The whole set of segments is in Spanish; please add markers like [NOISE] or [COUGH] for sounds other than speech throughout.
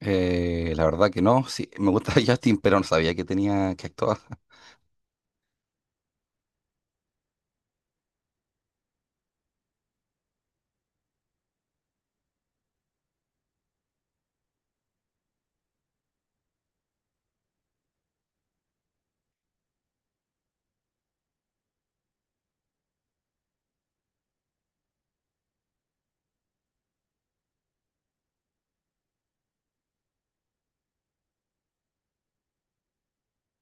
La verdad que no, sí, me gusta [LAUGHS] Justin, pero no sabía que tenía que actuar.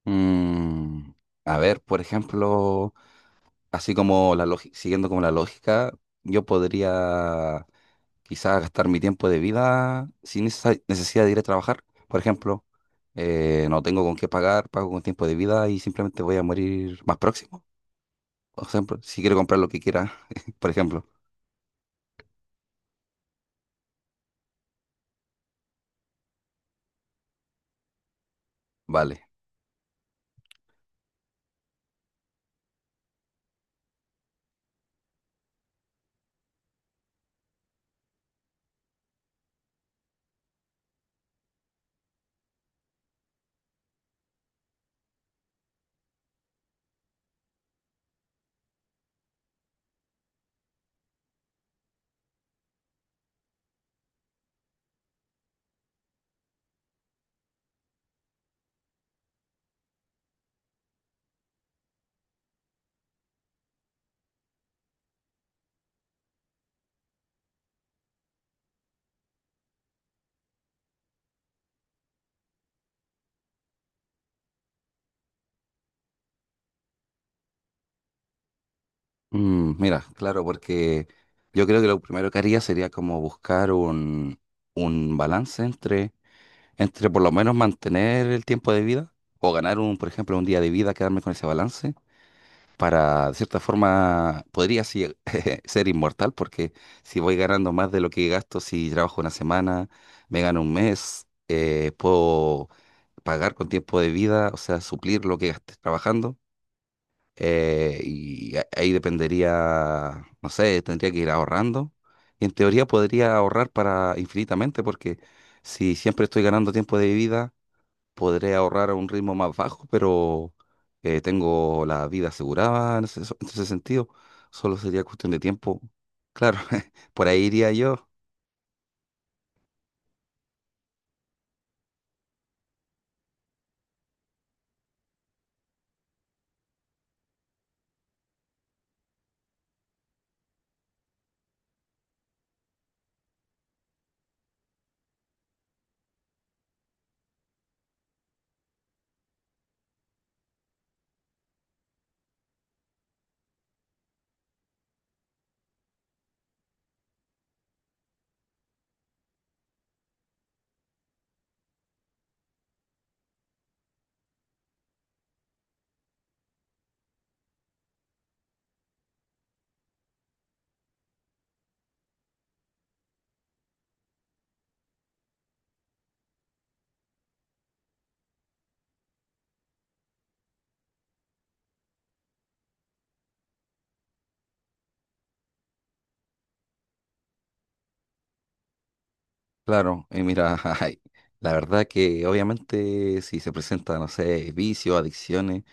Mm, a ver, por ejemplo, así como la lógica, siguiendo como la lógica, yo podría quizás gastar mi tiempo de vida sin esa necesidad de ir a trabajar. Por ejemplo, no tengo con qué pagar, pago con tiempo de vida y simplemente voy a morir más próximo. Por ejemplo, si quiero comprar lo que quiera, [LAUGHS] por ejemplo, vale. Mm, mira, claro, porque yo creo que lo primero que haría sería como buscar un balance entre por lo menos mantener el tiempo de vida o ganar un, por ejemplo, un día de vida, quedarme con ese balance para, de cierta forma, podría sí, [LAUGHS] ser inmortal porque si voy ganando más de lo que gasto, si trabajo 1 semana, me gano 1 mes, puedo pagar con tiempo de vida, o sea, suplir lo que gasté trabajando y ahí dependería, no sé, tendría que ir ahorrando. Y en teoría podría ahorrar para infinitamente, porque si siempre estoy ganando tiempo de vida, podré ahorrar a un ritmo más bajo, pero tengo la vida asegurada en ese sentido. Solo sería cuestión de tiempo. Claro, [LAUGHS] por ahí iría yo. Claro, y mira, [LAUGHS] ay, la verdad que obviamente si se presenta, no sé, vicios, adicciones.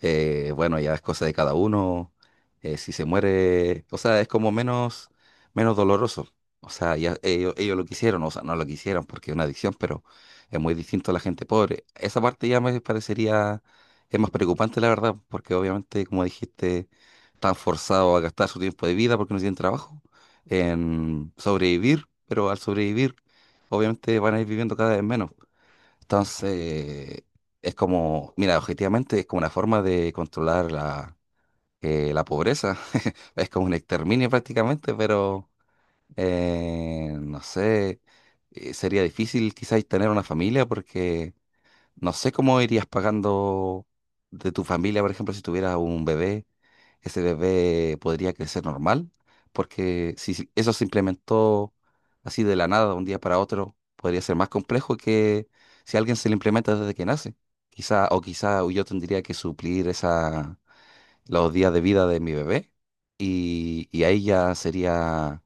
Bueno, ya es cosa de cada uno. Eh, si se muere, o sea, es como menos doloroso. O sea, ya ellos lo quisieron, o sea, no lo quisieron porque es una adicción, pero es muy distinto a la gente pobre. Esa parte ya me parecería, es más preocupante, la verdad, porque obviamente, como dijiste, están forzados a gastar su tiempo de vida porque no tienen trabajo, en sobrevivir, pero al sobrevivir, obviamente van a ir viviendo cada vez menos. Entonces, es como, mira, objetivamente es como una forma de controlar la pobreza. [LAUGHS] Es como un exterminio prácticamente, pero no sé, sería difícil quizás tener una familia porque no sé cómo irías pagando de tu familia, por ejemplo, si tuvieras un bebé, ese bebé podría crecer normal, porque si eso se implementó así de la nada, de un día para otro, podría ser más complejo que si a alguien se le implementa desde que nace. Quizá, o quizá yo tendría que suplir esa, los días de vida de mi bebé y ahí ya sería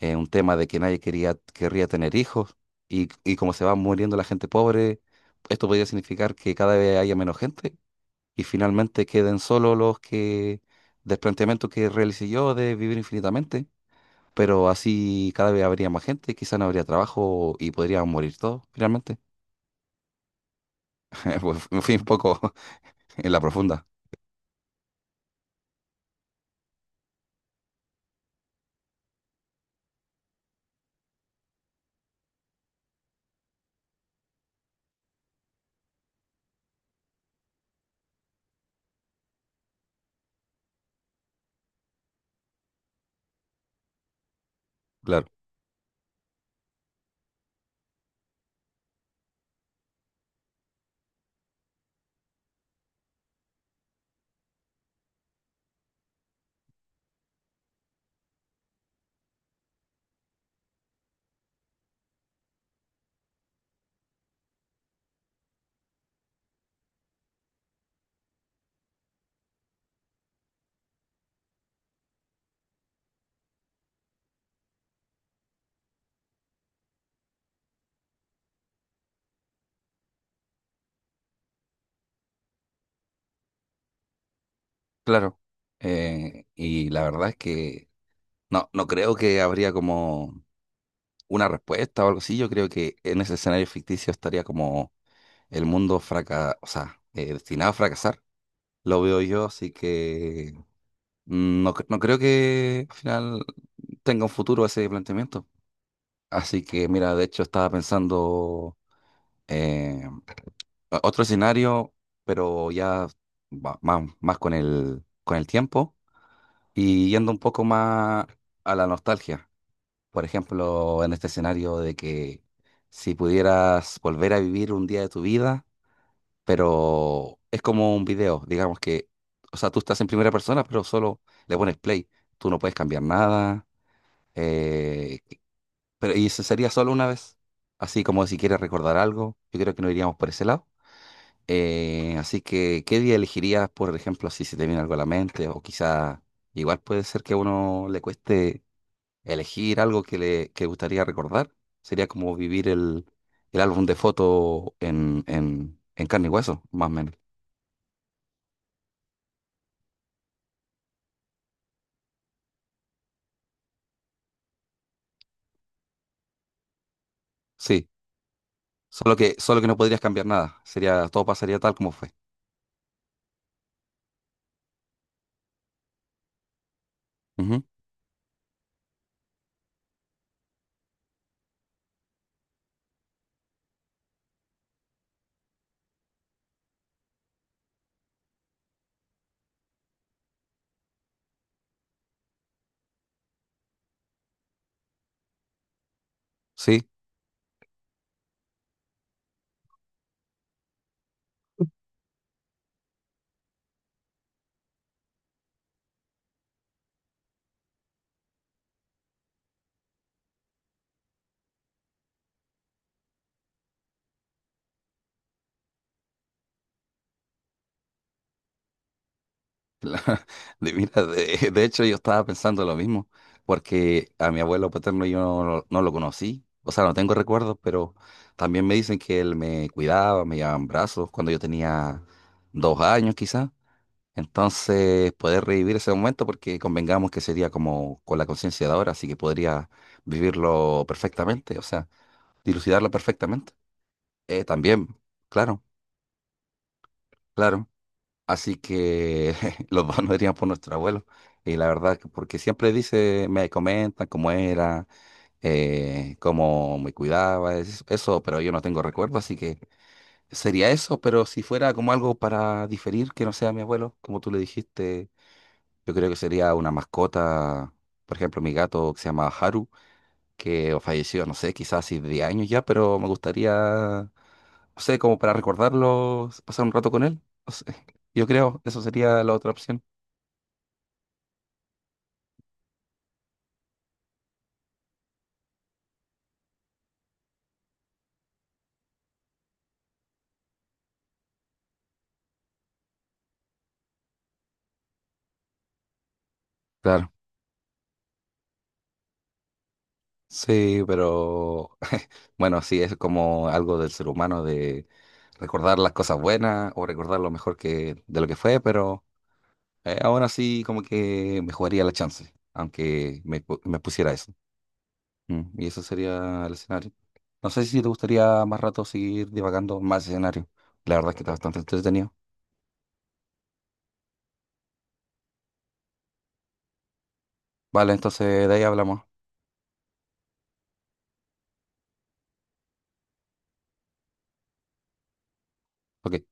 un tema de que nadie quería, querría tener hijos y como se va muriendo la gente pobre, esto podría significar que cada vez haya menos gente y finalmente queden solo los que, del planteamiento que realicé yo de vivir infinitamente, pero así cada vez habría más gente, quizá no habría trabajo y podrían morir todos finalmente. [LAUGHS] Pues me fui un poco [LAUGHS] en la profunda, claro, claro. Y la verdad es que no creo que habría como una respuesta o algo así, yo creo que en ese escenario ficticio estaría como el o sea, destinado a fracasar. Lo veo yo, así que no, no creo que al final tenga un futuro ese planteamiento. Así que mira, de hecho estaba pensando eh, otro escenario, pero ya más con con el tiempo y yendo un poco más a la nostalgia. Por ejemplo, en este escenario de que si pudieras volver a vivir un día de tu vida, pero es como un video, digamos que, o sea, tú estás en primera persona, pero solo le pones play, tú no puedes cambiar nada, eh, pero y eso sería solo una vez, así como si quieres recordar algo, yo creo que no iríamos por ese lado. Así que, ¿qué día elegirías, por ejemplo, si se te viene algo a la mente? O quizá, igual puede ser que a uno le cueste elegir algo que le que gustaría recordar. Sería como vivir el álbum de fotos en carne y hueso, más o menos. Sí, solo que no podrías cambiar nada. Sería, todo pasaría tal como fue. Ujú, sí, [LAUGHS] La- mira, de hecho yo estaba pensando lo mismo, porque a mi abuelo paterno yo no lo conocí. O sea, no tengo recuerdos, pero también me dicen que él me cuidaba, me llevaba en brazos cuando yo tenía 2 años quizás. Entonces, poder revivir ese momento, porque convengamos que sería como con la conciencia de ahora, así que podría vivirlo perfectamente, o sea, dilucidarlo perfectamente. También, claro, claro. Así que [LAUGHS] los dos nos dirían por nuestro abuelo. Y la verdad, porque siempre dice, me comentan cómo era, cómo me cuidaba, eso, pero yo no tengo recuerdo, así que sería eso, pero si fuera como algo para diferir, que no sea mi abuelo, como tú le dijiste. Yo creo que sería una mascota, por ejemplo, mi gato que se llama Haru, que falleció, no sé, quizás hace 10 años ya, pero me gustaría, no sé, como para recordarlo, pasar un rato con él. No sé, [LAUGHS] yo creo, eso sería la otra opción. Claro, sí, pero [LAUGHS] bueno, sí, es como algo del ser humano de recordar las cosas buenas o recordar lo mejor que de lo que fue, pero aún así como que me jugaría la chance, aunque me pusiera eso. Mm, y eso sería el escenario. No sé si te gustaría más rato seguir divagando más escenarios. La verdad es que está bastante entretenido. Vale, entonces de ahí hablamos. Ok.